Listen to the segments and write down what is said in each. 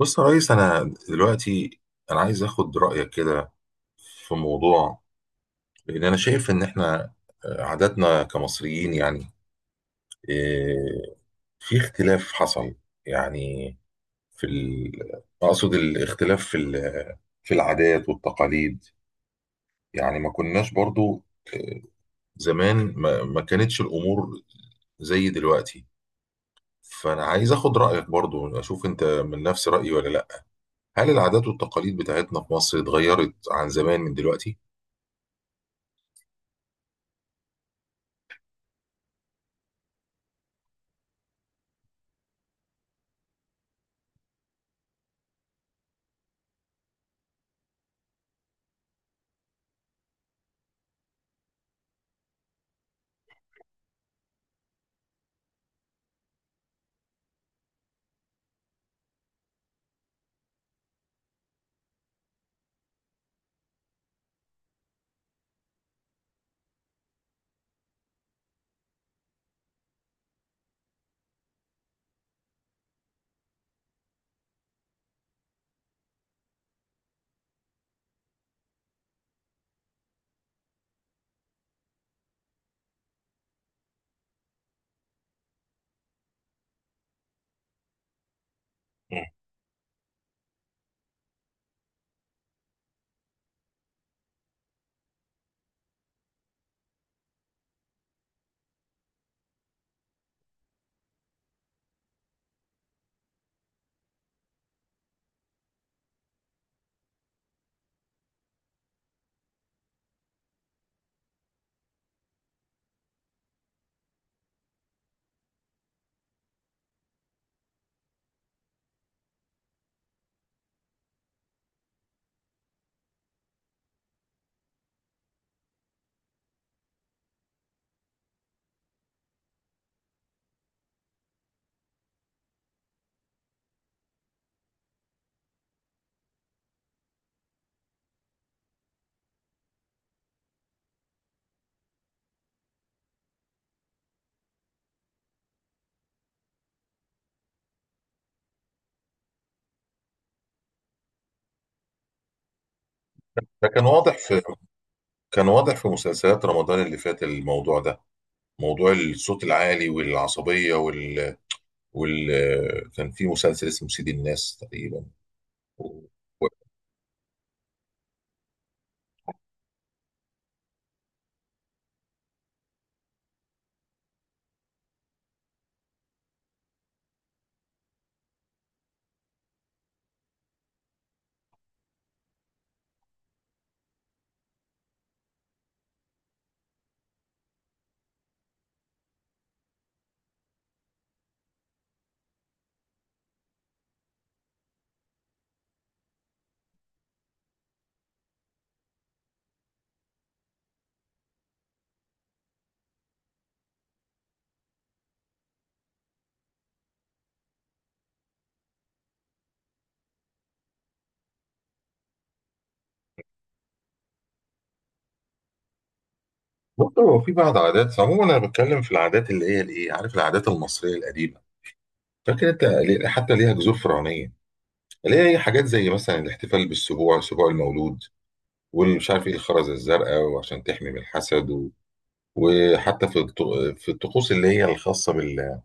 بص يا ريس، انا دلوقتي انا عايز اخد رايك كده في موضوع، لان انا شايف ان احنا عاداتنا كمصريين، يعني آه، في اختلاف حصل. يعني في ال... اقصد الاختلاف في العادات والتقاليد، يعني ما كناش برضو، آه، زمان ما كانتش الامور زي دلوقتي. فانا عايز اخد رايك برضو، اشوف انت من نفس رايي ولا لا. هل العادات والتقاليد بتاعتنا في مصر اتغيرت عن زمان من دلوقتي؟ مم. ده كان واضح في، كان واضح في مسلسلات رمضان اللي فات، الموضوع ده. موضوع الصوت العالي والعصبية وال... كان في مسلسل اسمه سيد الناس تقريبا، و- برضه هو في بعض عادات. عموما انا بتكلم في العادات اللي هي الايه، عارف، العادات المصريه القديمه. فاكر انت حتى ليها جذور فرعونيه، اللي هي حاجات زي مثلا الاحتفال بالسبوع، سبوع المولود، والمش عارف ايه الخرز الزرقاء وعشان تحمي من الحسد. وحتى في الطقوس اللي هي الخاصه بال،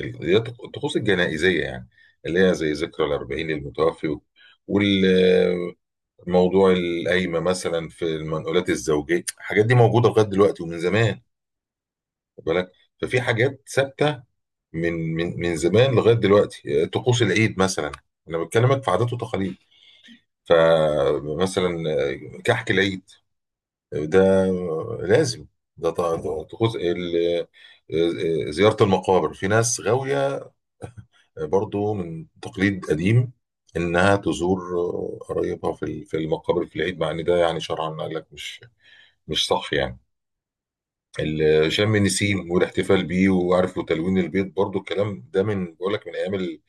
اللي هي الطقوس الجنائزيه يعني، اللي هي زي ذكرى الأربعين للمتوفي. والموضوع القايمه مثلا في المنقولات الزوجيه، الحاجات دي موجوده لغايه دلوقتي ومن زمان، خد بالك. ففي حاجات ثابته من زمان لغايه دلوقتي. طقوس العيد مثلا، انا بكلمك في عادات وتقاليد، فمثلا كحك العيد ده لازم. ده طبعا طقوس ال، زيارة المقابر. في ناس غاوية برضو من تقليد قديم إنها تزور قرايبها في المقابر في العيد، مع إن ده يعني شرعا قال لك مش مش صح يعني. شم النسيم والاحتفال بيه وعارف، وتلوين البيت، برضو الكلام ده، من، بقول لك، من أيام ال-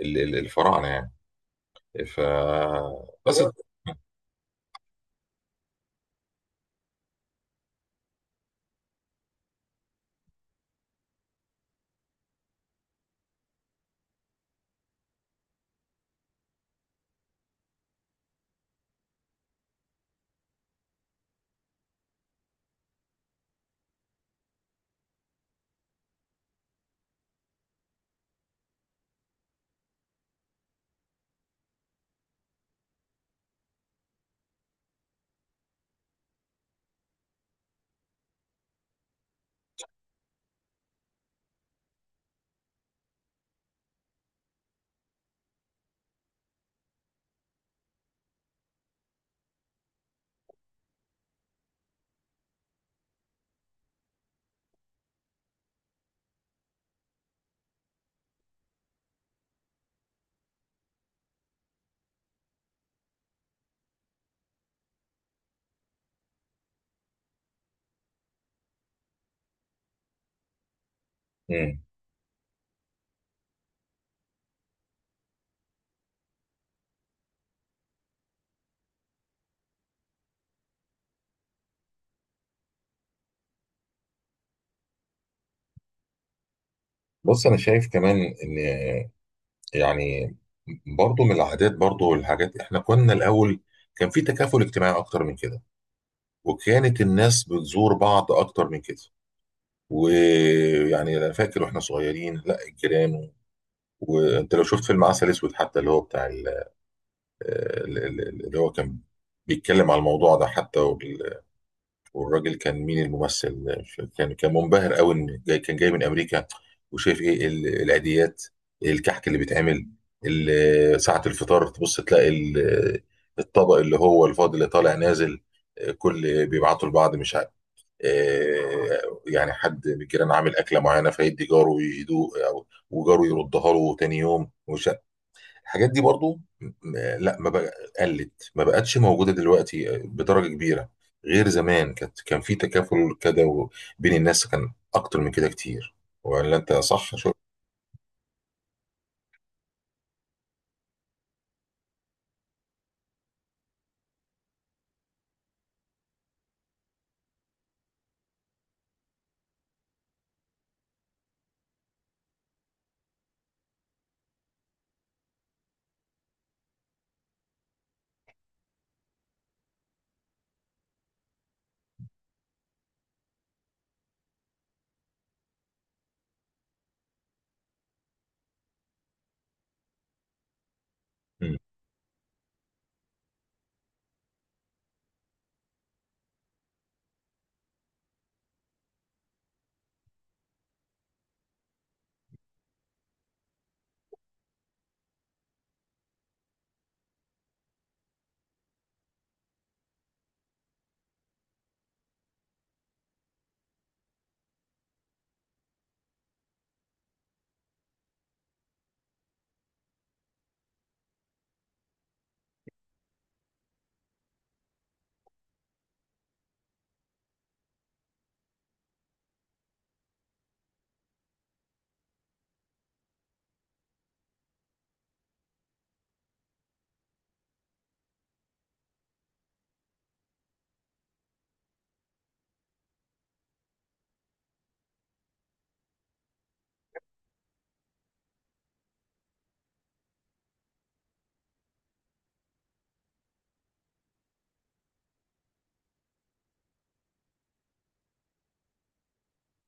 ال- ال- الفراعنة يعني. ف بس، بص أنا شايف كمان إن، يعني، برضو من العادات برضو والحاجات، احنا كنا الاول كان في تكافل اجتماعي اكتر من كده، وكانت الناس بتزور بعض اكتر من كده. ويعني انا فاكر واحنا صغيرين، لا، الجيران وانت لو شفت فيلم عسل اسود حتى، اللي هو بتاع اللي هو كان بيتكلم على الموضوع ده حتى. والراجل كان، مين الممثل، مش فاكر. كان كان منبهر قوي، ان جاي، كان جاي من امريكا، وشايف ايه. إيه العيديات، إيه الكحك اللي بيتعمل، ساعة الفطار تبص تلاقي الطبق اللي هو الفاضل اللي طالع نازل، كل بيبعتوا لبعض، مش عارف، يعني حد من الجيران عامل اكله معينه، فيدي جاره يدوق، او وجاره يردها له تاني يوم، ومش، الحاجات دي برضو لا، ما بقى، قلت ما بقتش موجودة دلوقتي بدرجة كبيرة غير زمان. كانت كان في تكافل كده بين الناس، كان أكتر من كده كتير. ولا أنت صح؟ شو. مم.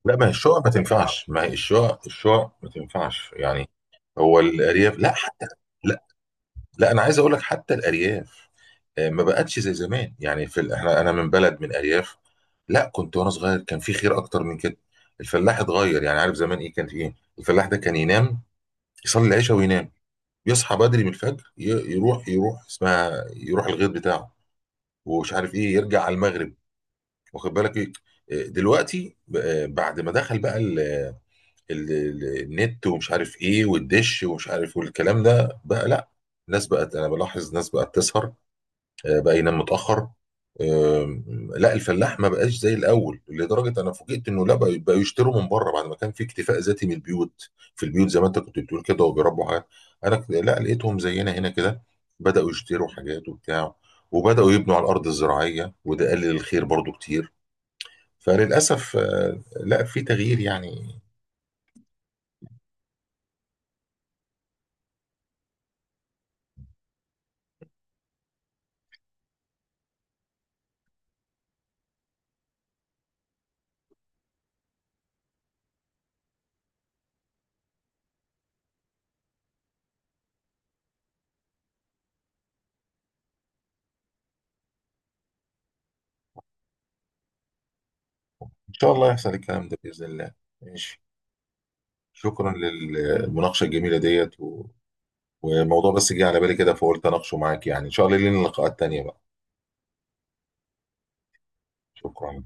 لا، ما هي الشقق ما تنفعش. ما هي الشقق، الشقق ما تنفعش يعني. هو الأرياف، لا، حتى لا. لا انا عايز اقول لك حتى الارياف ما بقتش زي زمان. يعني في احنا، انا من بلد، من ارياف. لا، كنت وانا صغير كان في خير اكتر من كده. الفلاح اتغير، يعني عارف زمان ايه كان في ايه، الفلاح ده كان ينام، يصلي العشاء وينام، يصحى بدري من الفجر، يروح، يروح اسمها يروح الغيط بتاعه، ومش عارف ايه يرجع على المغرب. واخد بالك ايه، دلوقتي بعد ما دخل بقى ال النت ومش عارف ايه، والدش ومش عارف، والكلام ده بقى، لا، الناس بقت، انا بلاحظ الناس بقت تسهر، بقى ينام متاخر. آم، لا الفلاح ما بقاش زي الاول، لدرجه انا فوجئت انه لا، بقوا يشتروا من بره بعد ما كان في اكتفاء ذاتي من البيوت. في البيوت زي ما انت كنت بتقول كده، وبيربوا حاجات. انا لا لقيتهم زينا هنا كده، بداوا يشتروا حاجات وبتاع، وبداوا يبنوا على الارض الزراعيه، وده قلل الخير برضو كتير. فللاسف لا في تغيير يعني. ان شاء الله يحصل الكلام ده باذن الله. ماشي. شكرا للمناقشه الجميله ديت والموضوع بس جه على بالي كده فقلت اناقشه معاك. يعني ان شاء الله لينا لقاءات تانية بقى. شكرا.